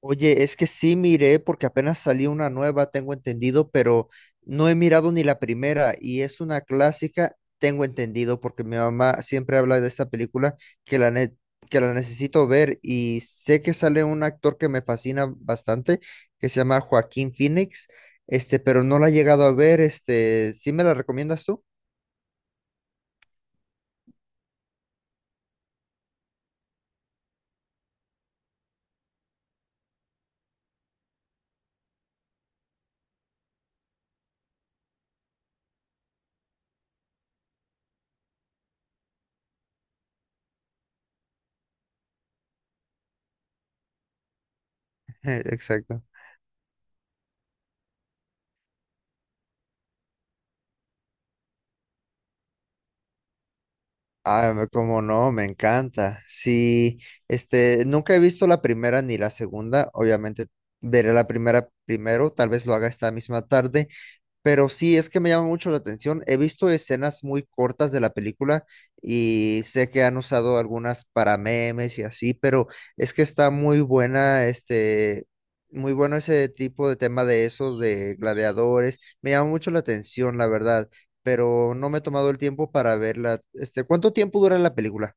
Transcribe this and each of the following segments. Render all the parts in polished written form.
Oye, es que sí miré porque apenas salió una nueva, tengo entendido, pero no he mirado ni la primera y es una clásica, tengo entendido, porque mi mamá siempre habla de esta película que la, ne- que la necesito ver y sé que sale un actor que me fascina bastante, que se llama Joaquín Phoenix, pero no la he llegado a ver, ¿sí me la recomiendas tú? Exacto. Ah, como no, me encanta. Sí, nunca he visto la primera ni la segunda. Obviamente veré la primera primero, tal vez lo haga esta misma tarde. Pero sí, es que me llama mucho la atención. He visto escenas muy cortas de la película y sé que han usado algunas para memes y así, pero es que está muy buena, muy bueno ese tipo de tema de esos, de gladiadores. Me llama mucho la atención, la verdad, pero no me he tomado el tiempo para verla. ¿Cuánto tiempo dura la película?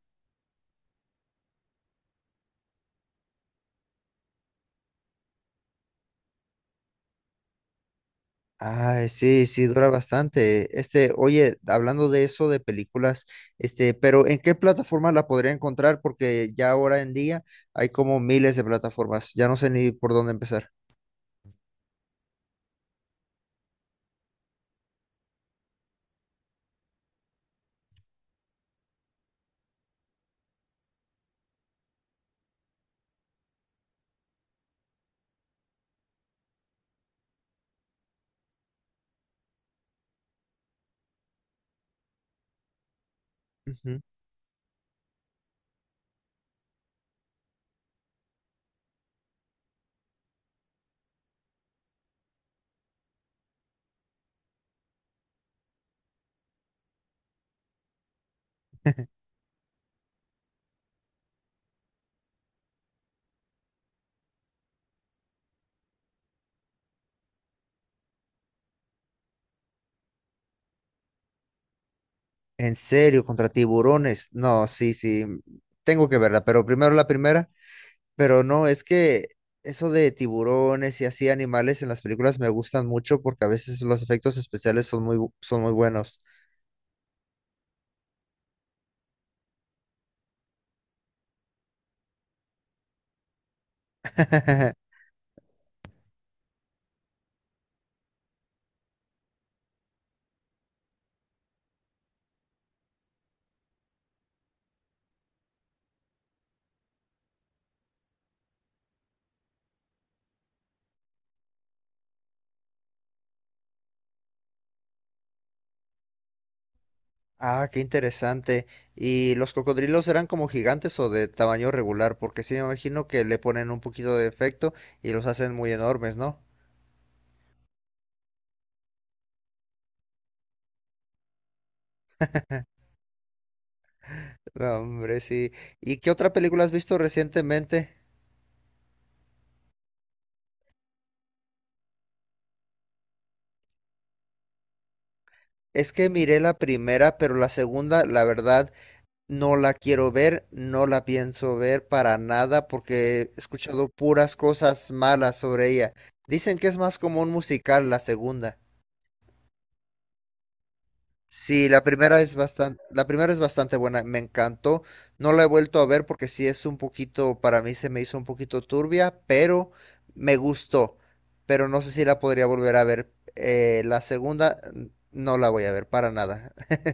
Ay, sí, sí, dura bastante. Oye, hablando de eso, de películas, pero ¿en qué plataforma la podría encontrar? Porque ya ahora en día hay como miles de plataformas. Ya no sé ni por dónde empezar. Ujú. En serio, ¿contra tiburones? No, sí, sí. Tengo que verla, pero primero la primera. Pero no, es que eso de tiburones y así animales en las películas me gustan mucho porque a veces los efectos especiales son muy, son muy buenos. Ah, qué interesante. ¿Y los cocodrilos eran como gigantes o de tamaño regular? Porque sí me imagino que le ponen un poquito de efecto y los hacen muy enormes, ¿no? No, hombre, sí. ¿Y qué otra película has visto recientemente? Es que miré la primera, pero la segunda, la verdad, no la quiero ver, no la pienso ver para nada porque he escuchado puras cosas malas sobre ella. Dicen que es más como un musical la segunda. Sí, la primera es bastante, la primera es bastante buena, me encantó. No la he vuelto a ver porque sí es un poquito, para mí se me hizo un poquito turbia, pero me gustó. Pero no sé si la podría volver a ver. La segunda no la voy a ver para nada.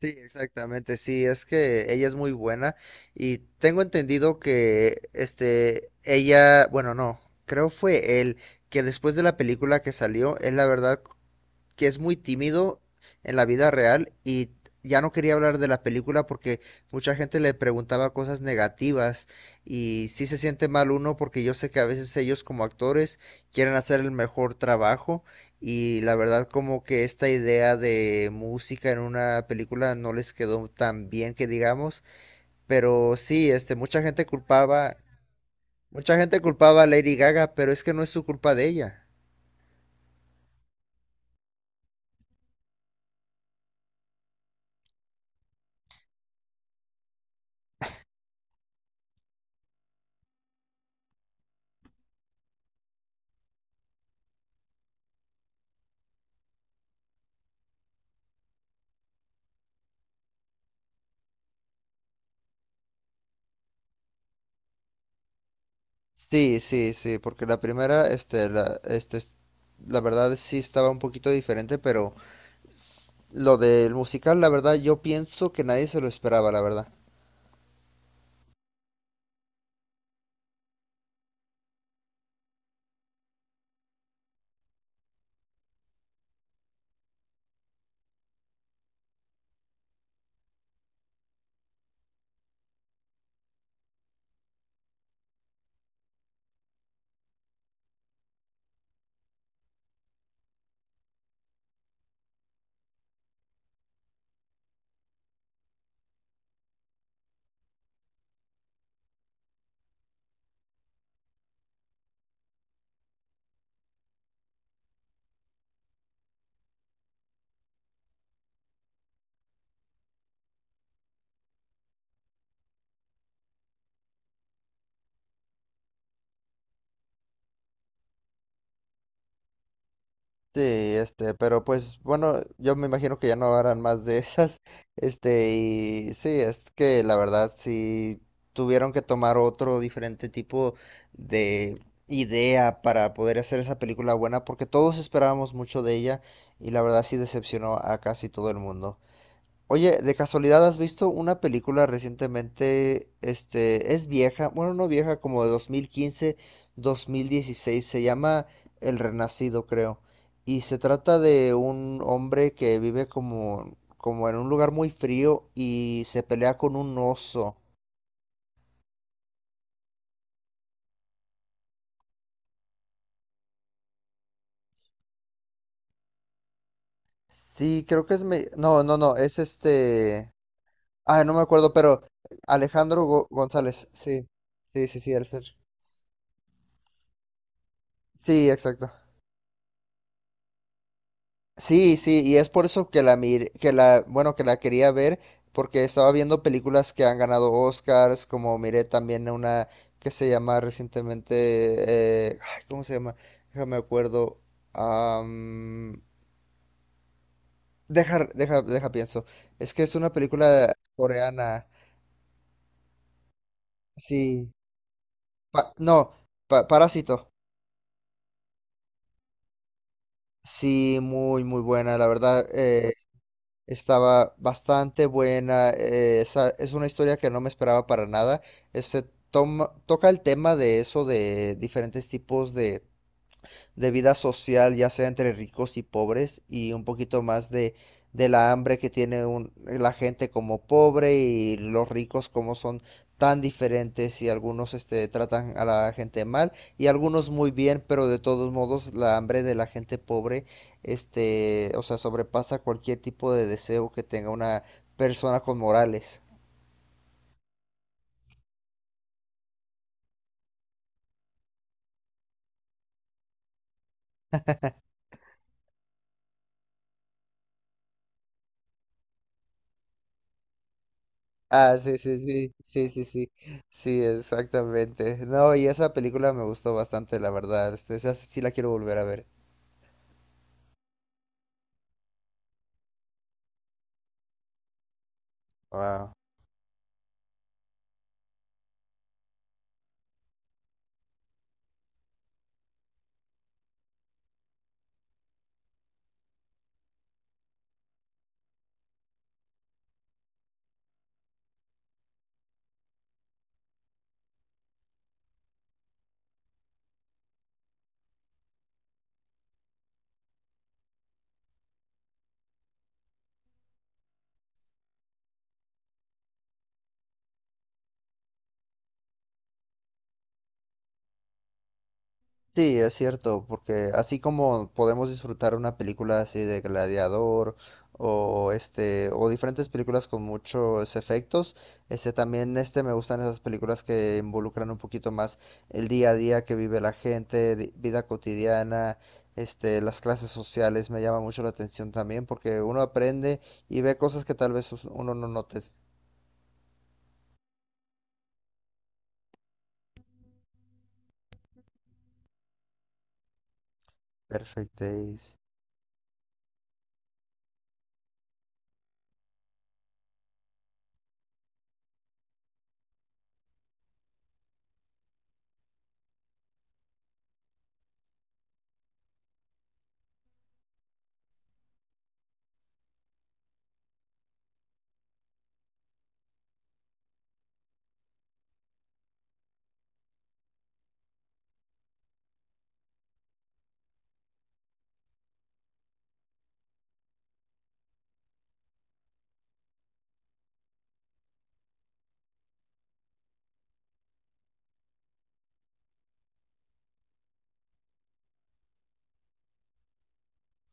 Sí, exactamente. Sí, es que ella es muy buena y tengo entendido que ella, bueno, no, creo fue él que después de la película que salió, él la verdad que es muy tímido en la vida real y ya no quería hablar de la película porque mucha gente le preguntaba cosas negativas y sí se siente mal uno porque yo sé que a veces ellos como actores quieren hacer el mejor trabajo y la verdad como que esta idea de música en una película no les quedó tan bien que digamos, pero sí, mucha gente culpaba a Lady Gaga, pero es que no es su culpa de ella. Sí, sí, sí, porque la primera, la verdad sí estaba un poquito diferente, pero lo del musical, la verdad, yo pienso que nadie se lo esperaba, la verdad. Sí, pero pues bueno, yo me imagino que ya no harán más de esas, y sí, es que la verdad sí tuvieron que tomar otro diferente tipo de idea para poder hacer esa película buena, porque todos esperábamos mucho de ella y la verdad sí decepcionó a casi todo el mundo. Oye, de casualidad, ¿has visto una película recientemente? Este, es vieja, bueno, no vieja, como de 2015, 2016, se llama El Renacido, creo. Y se trata de un hombre que vive como, como en un lugar muy frío y se pelea con un oso. Sí, creo que es no, no, no, es este... Ah, no me acuerdo, pero Alejandro González, sí. Sí, sí, sí, el ser. Sí, exacto. Sí, sí, y es por eso que que la, bueno, que la quería ver, porque estaba viendo películas que han ganado Oscars, como miré también una que se llama recientemente, ay, ¿cómo se llama? Déjame acuerdo. am, deja pienso. Es que es una película coreana. Sí, no, Parásito. Sí, muy, muy buena, la verdad. Estaba bastante buena. Es una historia que no me esperaba para nada. Este Toca el tema de eso, de diferentes tipos de vida social, ya sea entre ricos y pobres, y un poquito más de, la hambre que tiene la gente como pobre y los ricos como son tan diferentes y algunos tratan a la gente mal y algunos muy bien, pero de todos modos la hambre de la gente pobre, o sea, sobrepasa cualquier tipo de deseo que tenga una persona con morales. Ah, sí, sí, sí, sí, sí, sí, sí, exactamente. No, y esa película me gustó bastante, la verdad. Esa sí, sí la quiero volver a ver. Wow. Sí, es cierto, porque así como podemos disfrutar una película así de Gladiador o o diferentes películas con muchos efectos, también me gustan esas películas que involucran un poquito más el día a día que vive la gente, vida cotidiana, las clases sociales me llama mucho la atención también porque uno aprende y ve cosas que tal vez uno no note. Perfect Days.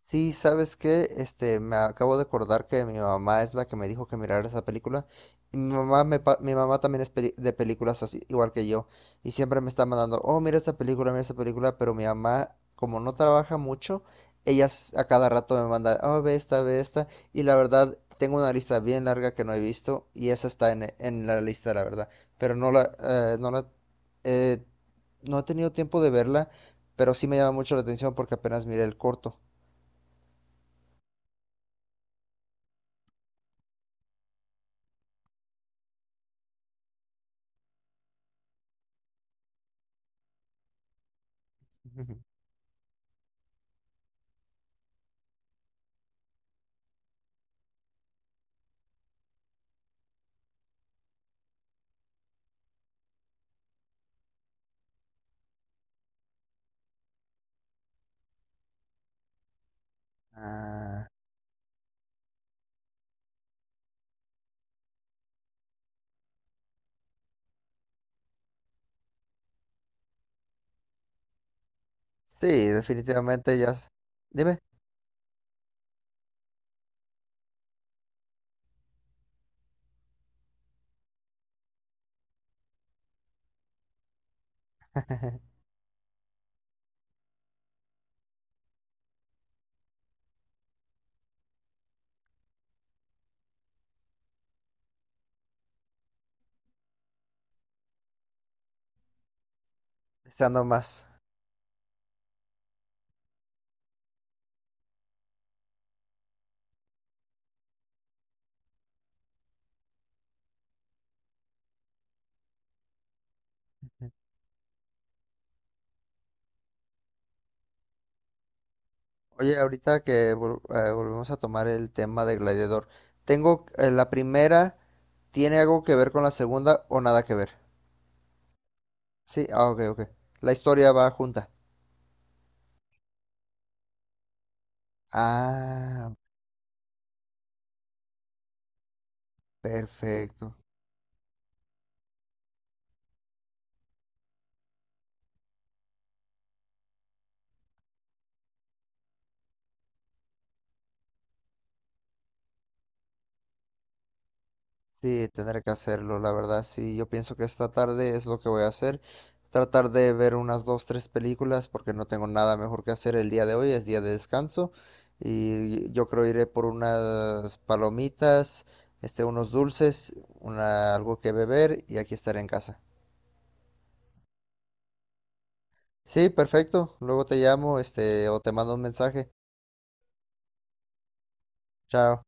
Sí, ¿sabes qué? Me acabo de acordar que mi mamá es la que me dijo que mirara esa película. Y mi mamá, mi mamá también es de películas así, igual que yo. Y siempre me está mandando, oh, mira esta película, mira esta película. Pero mi mamá, como no trabaja mucho, ella a cada rato me manda, oh, ve esta, ve esta. Y la verdad, tengo una lista bien larga que no he visto. Y esa está en la lista, la verdad. Pero eh, no he tenido tiempo de verla. Pero sí me llama mucho la atención porque apenas miré el corto. Ah, sí, definitivamente ya. Dime, deseando más. Oye, ahorita que volvemos a tomar el tema de Gladiador, tengo la primera, ¿tiene algo que ver con la segunda o nada que ver? Sí, ah, ok, ok. La historia va junta. Ah, perfecto. Sí, tener que hacerlo, la verdad, sí, yo pienso que esta tarde es lo que voy a hacer, tratar de ver unas dos, tres películas porque no tengo nada mejor que hacer el día de hoy, es día de descanso y yo creo iré por unas palomitas, unos dulces, una, algo que beber y aquí estaré en casa. Sí, perfecto, luego te llamo, o te mando un mensaje. Chao.